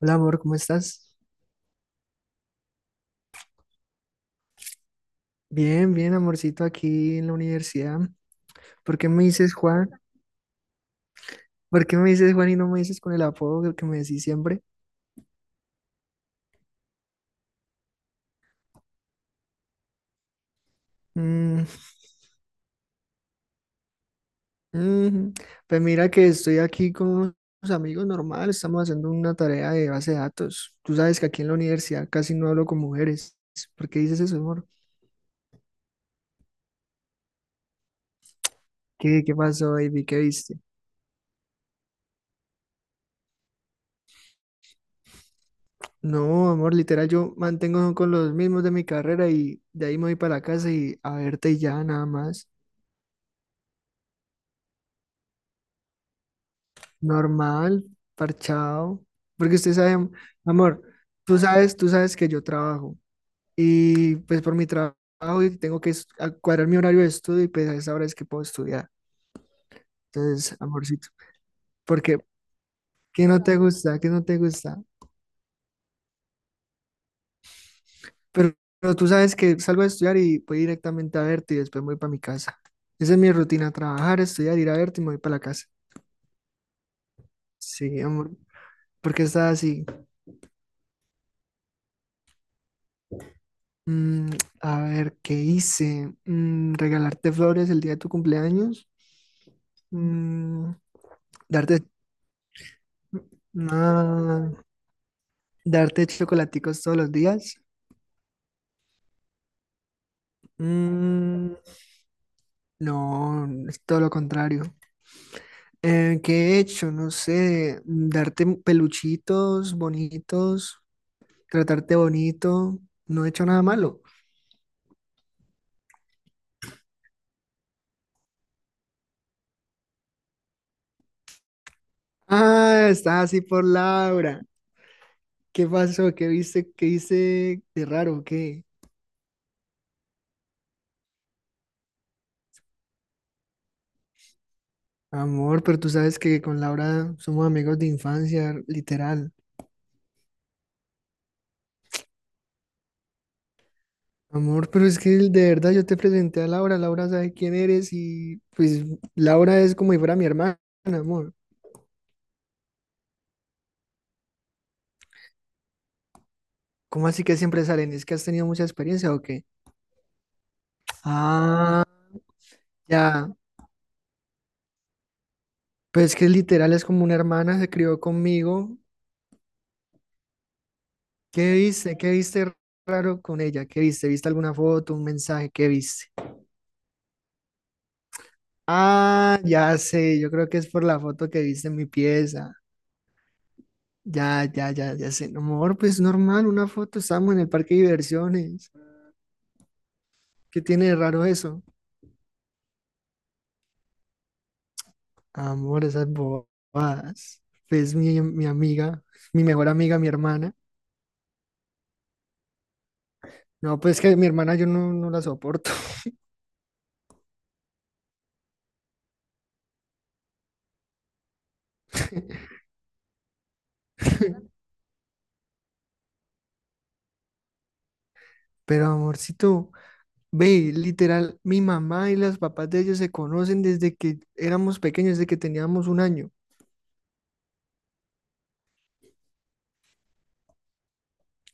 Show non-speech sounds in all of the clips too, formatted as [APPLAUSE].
Hola amor, ¿cómo estás? Bien, bien, amorcito, aquí en la universidad. ¿Por qué me dices Juan? ¿Por qué me dices Juan y no me dices con el apodo que me decís siempre? Mm. Mm. Pues mira que estoy aquí con unos amigos normal, estamos haciendo una tarea de base de datos. Tú sabes que aquí en la universidad casi no hablo con mujeres. ¿Por qué dices eso, amor? ¿Qué pasó, baby? ¿Qué viste? No, amor, literal, yo mantengo con los mismos de mi carrera y de ahí me voy para la casa y a verte y ya, nada más. Normal, parchado. Porque usted sabe, amor, tú sabes que yo trabajo y pues por mi tra- trabajo y tengo que cuadrar mi horario de estudio y pues a esa hora es que puedo estudiar. Entonces, amorcito, porque ¿qué no te gusta? ¿Qué no te gusta? Pero, pero tú sabes que salgo a estudiar y voy directamente a verte y después me voy para mi casa. Esa es mi rutina, trabajar, estudiar, ir a verte y me voy para la casa. Sí, amor, ¿porque está así? Mm, a ver, ¿qué hice? Regalarte flores el día de tu cumpleaños. Mm, darte, ah, darte chocolaticos todos los días. Mm, no, es todo lo contrario. ¿Qué he hecho? No sé, darte peluchitos bonitos, tratarte bonito. No he hecho nada malo. Ah, está así por Laura. ¿Qué pasó? ¿Qué viste? ¿Qué hice de raro? ¿Qué? Amor, pero tú sabes que con Laura somos amigos de infancia, literal. Amor, pero es que de verdad yo te presenté a Laura, Laura sabe quién eres y pues Laura es como si fuera mi hermana, amor. ¿Cómo así que siempre salen? ¿Es que has tenido mucha experiencia o qué? Ah, ya, pues que literal es como una hermana, se crió conmigo. ¿Qué viste? ¿Qué viste raro con ella? ¿Qué viste? ¿Viste alguna foto, un mensaje? ¿Qué viste? Ah, ya sé, yo creo que es por la foto que viste en mi pieza. Ya, ya, ya, ya sé. No, amor, pues normal, una foto, estamos en el parque de diversiones. ¿Qué tiene de raro eso? Amor, esas bobadas. Pues mi amiga, mi mejor amiga, mi hermana. No, pues que mi hermana yo no la soporto. [LAUGHS] Pero amorcito, ve, literal, mi mamá y los papás de ellos se conocen desde que éramos pequeños, desde que teníamos un año.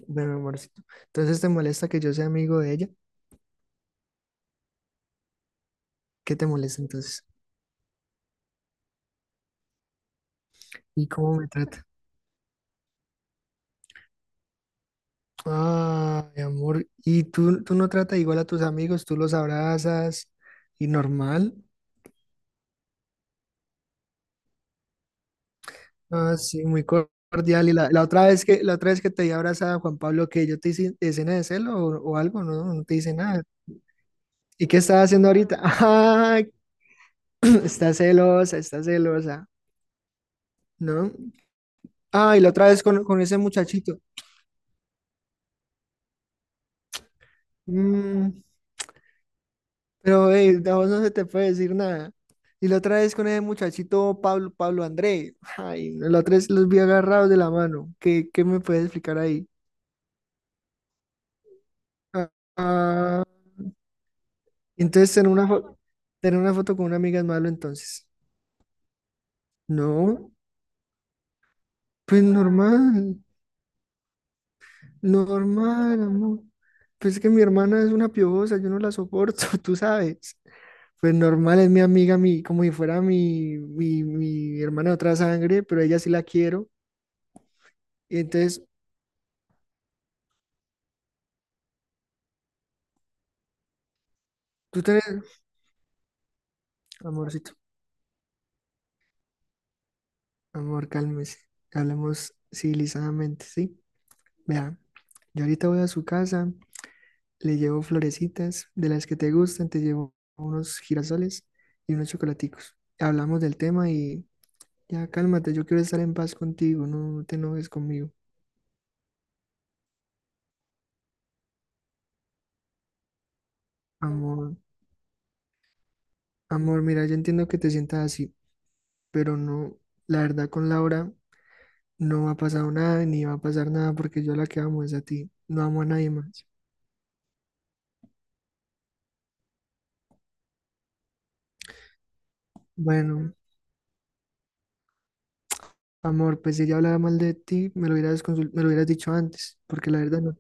Bueno, amorcito, entonces te molesta que yo sea amigo de ella. ¿Qué te molesta entonces? ¿Y cómo me trata? Ah, mi amor, ¿y tú no tratas igual a tus amigos? ¿Tú los abrazas y normal? Ah, sí, muy cordial. ¿Y la otra vez que te di abrazada, Juan Pablo, que yo te hice escena de celo o algo? No, no te hice nada. ¿Y qué estás haciendo ahorita? [LAUGHS] Ah, [CLEARS THROAT] está celosa, ¿no? Ah, y la otra vez con ese muchachito. Mm, Pero ey, a vos no se te puede decir nada. Y la otra vez con ese muchachito Pablo, Pablo André. Ay, la otra vez los vi agarrados de la mano. ¿Qué me puedes explicar ahí? Ah, ah, entonces tener una foto, con una amiga es malo entonces. No, pues normal, normal, amor. Pues es que mi hermana es una piojosa, yo no la soporto, [LAUGHS] tú sabes. Pues normal, es mi amiga, como si fuera mi hermana de otra sangre, pero ella sí la quiero. Y entonces tú tenés, amorcito, amor, cálmese. Hablemos civilizadamente, ¿sí? Vea, yo ahorita voy a su casa, le llevo florecitas de las que te gustan, te llevo unos girasoles y unos chocolaticos. Hablamos del tema y ya cálmate, yo quiero estar en paz contigo, no, no te enojes conmigo. Amor, amor, mira, yo entiendo que te sientas así, pero no, la verdad con Laura no ha pasado nada ni va a pasar nada porque yo la que amo es a ti, no amo a nadie más. Bueno, amor, pues si ella hablaba mal de ti, me lo hubieras dicho antes, porque la verdad no.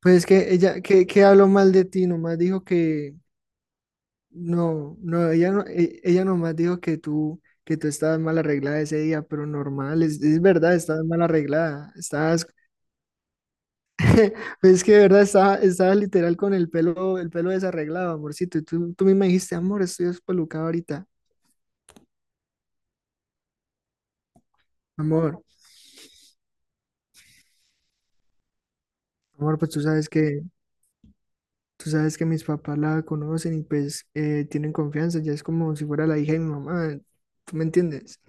Pues es que ella, que habló mal de ti, nomás dijo que no, no, ella no, ella nomás dijo que tú estabas mal arreglada ese día, pero normal, es verdad, estabas mal arreglada, estabas, [LAUGHS] pues es que de verdad estaba literal con el pelo desarreglado, amorcito, y tú misma dijiste, amor, estoy despelucado ahorita, amor, amor, pues tú sabes que tú sabes que mis papás la conocen y pues tienen confianza, ya es como si fuera la hija de mi mamá, ¿tú me entiendes?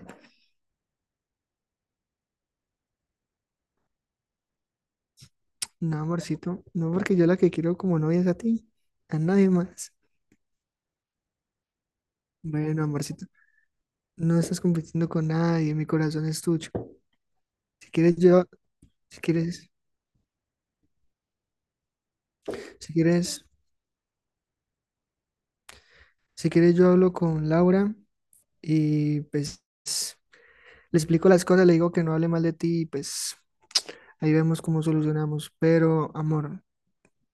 No, amorcito, no porque yo la que quiero como novia es a ti, a nadie más. Bueno, amorcito, no estás compitiendo con nadie, mi corazón es tuyo. Si quieres yo, si quieres, si quieres, si quieres yo hablo con Laura y pues le explico las cosas, le digo que no hable mal de ti y pues ahí vemos cómo solucionamos. Pero, amor.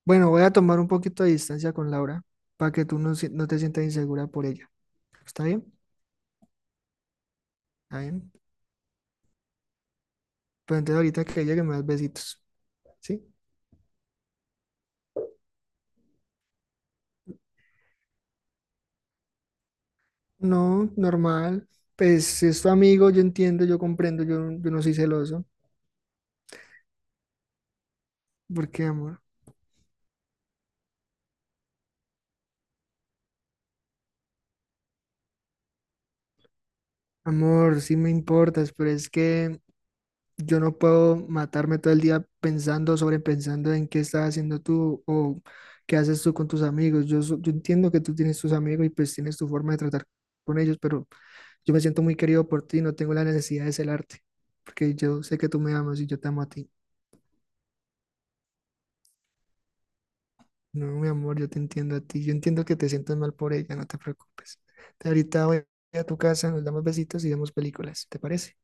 Bueno, voy a tomar un poquito de distancia con Laura para que tú no, no te sientas insegura por ella. ¿Está bien? ¿Está bien? Pues entonces ahorita que llegue me das besitos. ¿Sí? No, normal. Pues si es tu amigo, yo entiendo, yo comprendo, yo no soy celoso. ¿Por qué, amor? Amor, sí me importas, pero es que yo no puedo matarme todo el día pensando, sobrepensando en qué estás haciendo tú o qué haces tú con tus amigos. Yo entiendo que tú tienes tus amigos y pues tienes tu forma de tratar con ellos, pero. Yo me siento muy querido por ti, no tengo la necesidad de celarte, porque yo sé que tú me amas y yo te amo a ti. No, mi amor, yo te entiendo a ti. Yo entiendo que te sientas mal por ella, no te preocupes. Ahorita voy a tu casa, nos damos besitos y vemos películas, ¿te parece?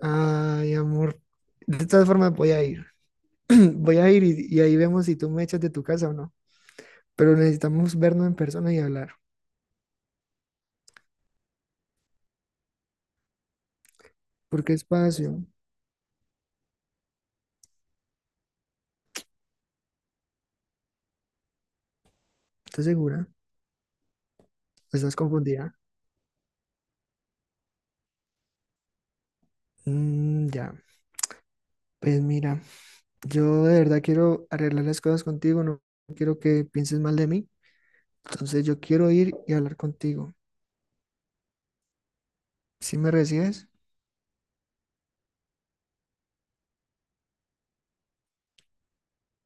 Ay, amor. De todas formas, voy a ir. [CLEARS THROAT] Voy a ir y ahí vemos si tú me echas de tu casa o no. Pero necesitamos vernos en persona y hablar. ¿Por qué espacio? ¿Estás segura? ¿Estás confundida? Mm, ya. Pues mira. Yo de verdad quiero arreglar las cosas contigo, no quiero que pienses mal de mí. Entonces yo quiero ir y hablar contigo. ¿Si me recibes?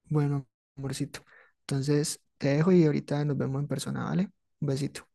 Bueno, amorcito. Entonces te dejo y ahorita nos vemos en persona, ¿vale? Un besito.